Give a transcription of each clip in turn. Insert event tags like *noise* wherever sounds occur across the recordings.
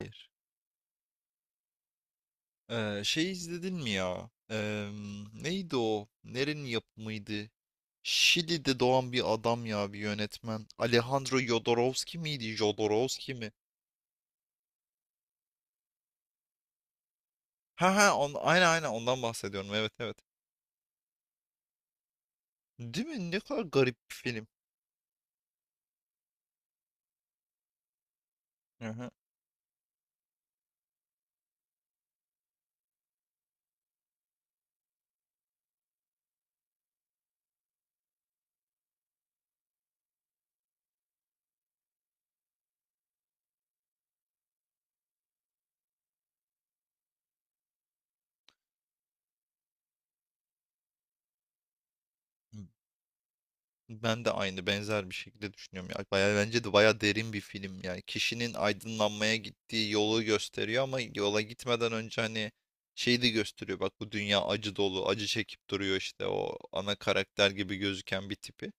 Hayır. İzledin mi ya? Neydi o? Nerenin yapımıydı? Şili'de doğan bir adam ya, bir yönetmen. Alejandro Jodorowsky miydi? Jodorowsky mi? Ha ha, aynen ondan bahsediyorum. Evet evet. Değil mi? Ne kadar garip bir film. Hı hı. Ben de aynı benzer bir şekilde düşünüyorum ya. Bayağı bence de bayağı derin bir film yani. Kişinin aydınlanmaya gittiği yolu gösteriyor ama yola gitmeden önce hani şeyi de gösteriyor. Bak bu dünya acı dolu, acı çekip duruyor işte o ana karakter gibi gözüken bir tipi.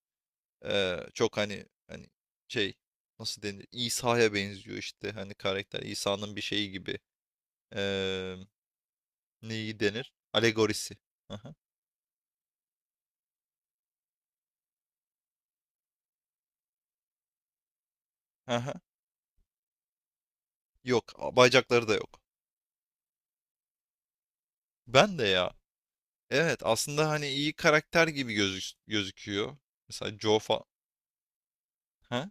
Çok hani şey, nasıl denir? İsa'ya benziyor işte hani, karakter İsa'nın bir şeyi gibi. Ee, Neyi denir? Alegorisi. Aha, aha. Yok, bacakları da yok. Ben de ya. Evet, aslında hani iyi karakter gibi gözüküyor. Mesela Ha?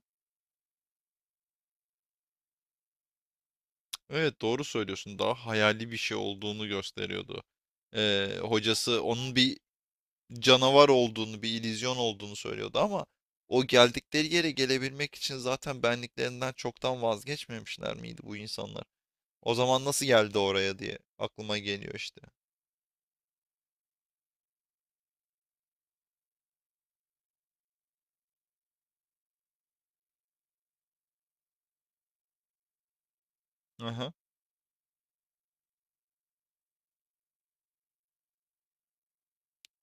Evet, doğru söylüyorsun. Daha hayali bir şey olduğunu gösteriyordu. Hocası onun bir canavar olduğunu, bir illüzyon olduğunu söylüyordu ama o geldikleri yere gelebilmek için zaten benliklerinden çoktan vazgeçmemişler miydi bu insanlar? O zaman nasıl geldi oraya diye aklıma geliyor işte. Aha.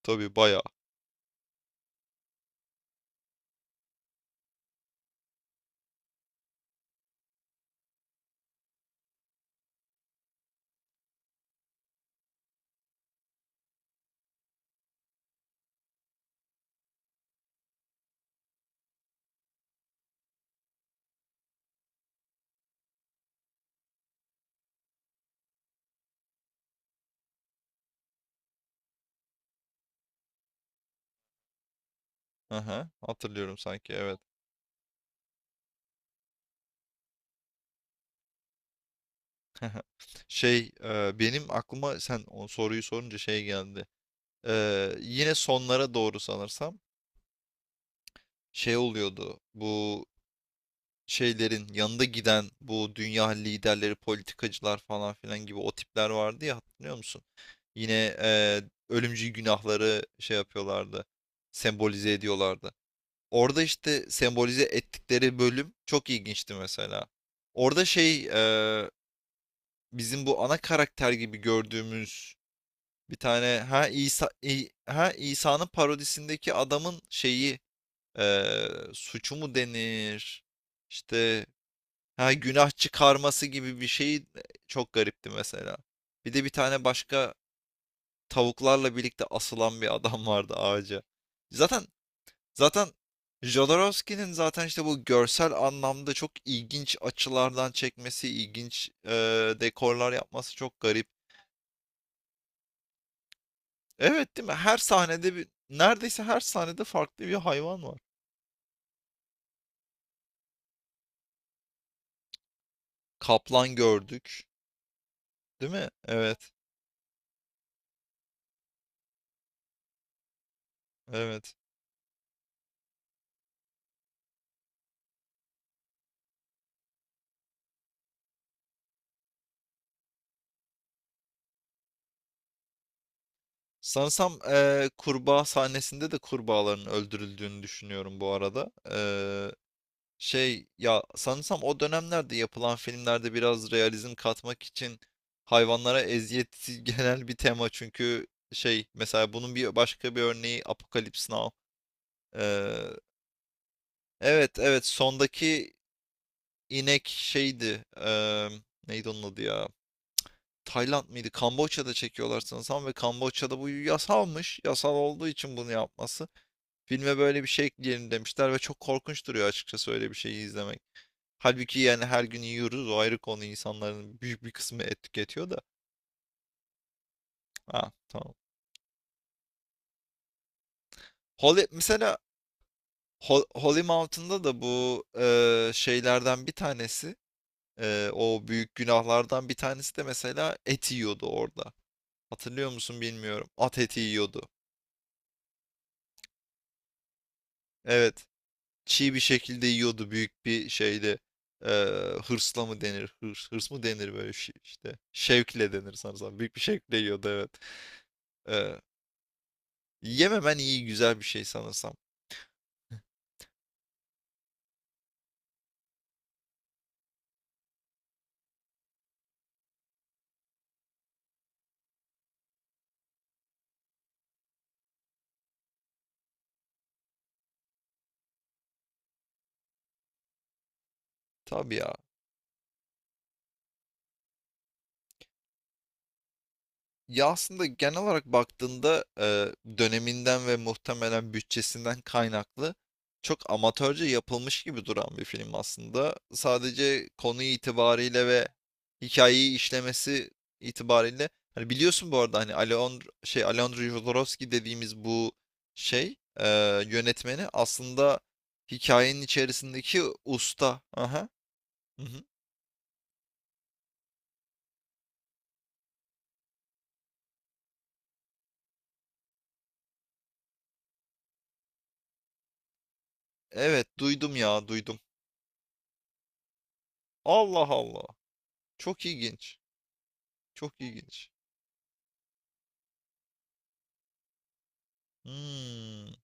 Tabii, bayağı. Aha. Hatırlıyorum sanki, evet. *laughs* Benim aklıma sen o soruyu sorunca şey geldi. E, yine sonlara doğru sanırsam şey oluyordu. Bu şeylerin yanında giden bu dünya liderleri, politikacılar falan filan gibi o tipler vardı ya, hatırlıyor musun? Yine ölümcül günahları şey yapıyorlardı. Sembolize ediyorlardı. Orada işte sembolize ettikleri bölüm çok ilginçti mesela. Orada şey, e, bizim bu ana karakter gibi gördüğümüz bir tane, ha İsa'nın parodisindeki adamın şeyi, suçu mu denir? İşte ha, günah çıkarması gibi bir şey, çok garipti mesela. Bir de bir tane başka tavuklarla birlikte asılan bir adam *laughs* vardı ağaca. Zaten zaten Jodorowsky'nin zaten işte bu görsel anlamda çok ilginç açılardan çekmesi, ilginç dekorlar yapması çok garip. Evet, değil mi? Her sahnede bir, neredeyse her sahnede farklı bir hayvan var. Kaplan gördük, değil mi? Evet, evet. Sanırsam kurbağa sahnesinde de kurbağaların öldürüldüğünü düşünüyorum bu arada. Şey ya, sanırsam o dönemlerde yapılan filmlerde biraz realizm katmak için hayvanlara eziyet *laughs* genel bir tema, çünkü şey, mesela bunun bir başka bir örneği Apokalips Now. Eee, evet evet, sondaki inek şeydi. Neydi onun adı ya? Tayland mıydı? Kamboçya'da çekiyorlar sanırsam ve Kamboçya'da bu yasalmış. Yasal olduğu için bunu yapması. Filme böyle bir şey ekleyelim demişler ve çok korkunç duruyor açıkçası öyle bir şeyi izlemek. Halbuki yani her gün yiyoruz, o ayrı konu, insanların büyük bir kısmı et tüketiyor da. Ha tamam. Holy, mesela Holy Mountain'da da bu şeylerden bir tanesi, o büyük günahlardan bir tanesi de mesela et yiyordu orada. Hatırlıyor musun bilmiyorum. At eti yiyordu. Evet. Çiğ bir şekilde yiyordu büyük bir şeyde. Hırsla mı denir? Hırs mı denir böyle şey işte. Şevkle denir sanırsam. Büyük bir şevkle yiyordu, evet. Eee, Yememen iyi, güzel bir şey sanırsam. Tabii ya. Ya aslında genel olarak baktığında, döneminden ve muhtemelen bütçesinden kaynaklı çok amatörce yapılmış gibi duran bir film aslında. Sadece konu itibariyle ve hikayeyi işlemesi itibariyle, hani biliyorsun bu arada hani, Alejandro Jodorowsky dediğimiz bu şey, yönetmeni aslında hikayenin içerisindeki usta. Aha. Hı hı. Evet, duydum ya, duydum. Allah Allah. Çok ilginç. Çok ilginç. Hmm.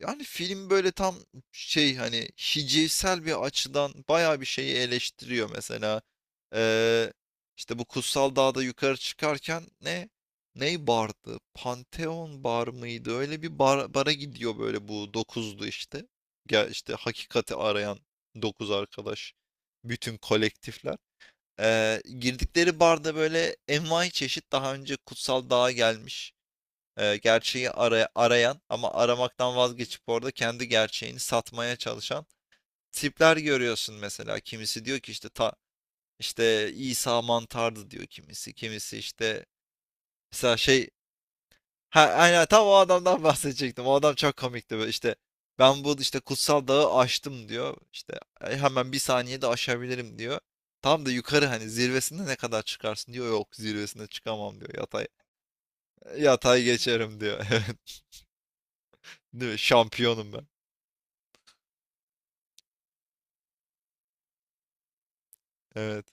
Yani film böyle tam şey, hani hicivsel bir açıdan bayağı bir şeyi eleştiriyor mesela. Ee, işte bu Kutsal Dağ'da yukarı çıkarken ne? Ney bardı? Pantheon bar mıydı? Öyle bir bara gidiyor böyle bu 9'lu işte. Gel işte, hakikati arayan 9 arkadaş. Bütün kolektifler. Girdikleri barda böyle envai çeşit daha önce Kutsal Dağ'a gelmiş, gerçeği arayan ama aramaktan vazgeçip orada kendi gerçeğini satmaya çalışan tipler görüyorsun mesela. Kimisi diyor ki işte ta, işte İsa mantardı diyor kimisi. Kimisi işte mesela şey, ha, aynen tam o adamdan *laughs* bahsedecektim. O adam çok komikti böyle işte, ben bu işte kutsal dağı aştım diyor. İşte "E, hemen bir saniyede aşabilirim diyor. Tam da yukarı hani zirvesinde ne kadar çıkarsın diyor. Yok, zirvesinde çıkamam diyor. Yatay geçerim diyor. *laughs* Evet. Değil mi? Şampiyonum ben. Evet,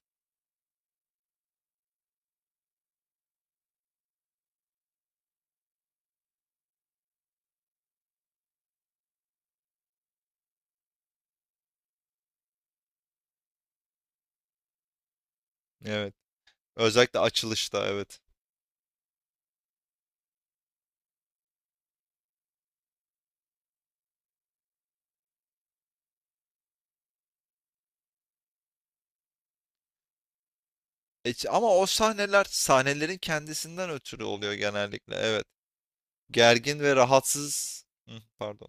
evet. Özellikle açılışta, evet. E, ama o sahneler, sahnelerin kendisinden ötürü oluyor genellikle. Evet. Gergin ve rahatsız. Hı, pardon.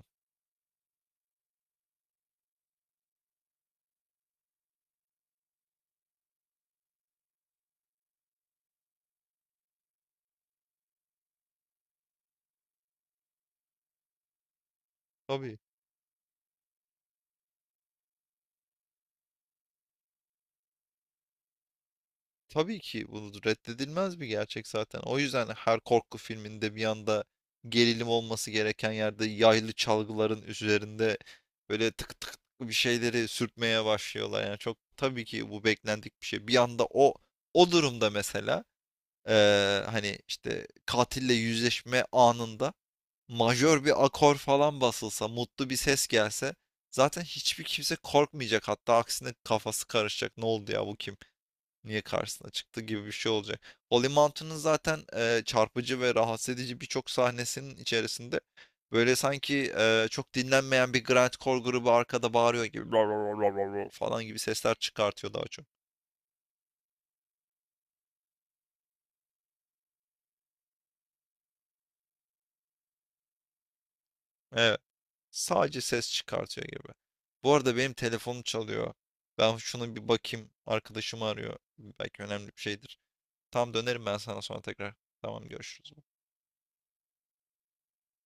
Tabii. Tabii ki bu reddedilmez bir gerçek zaten. O yüzden her korku filminde bir anda gerilim olması gereken yerde yaylı çalgıların üzerinde böyle tık tık bir şeyleri sürtmeye başlıyorlar. Yani çok tabii ki bu beklendik bir şey. Bir anda o durumda mesela, hani işte katille yüzleşme anında majör bir akor falan basılsa, mutlu bir ses gelse zaten hiçbir kimse korkmayacak. Hatta aksine kafası karışacak. Ne oldu ya, bu kim? Niye karşısına çıktı gibi bir şey olacak. Holy Mountain'ın zaten çarpıcı ve rahatsız edici birçok sahnesinin içerisinde böyle sanki çok dinlenmeyen bir grindcore grubu arkada bağırıyor gibi "Rar rar rar rar" falan gibi sesler çıkartıyor daha çok. Evet. Sadece ses çıkartıyor gibi. Bu arada benim telefonum çalıyor. Ben şuna bir bakayım. Arkadaşım arıyor. Belki önemli bir şeydir. Tam dönerim ben sana sonra tekrar. Tamam, görüşürüz.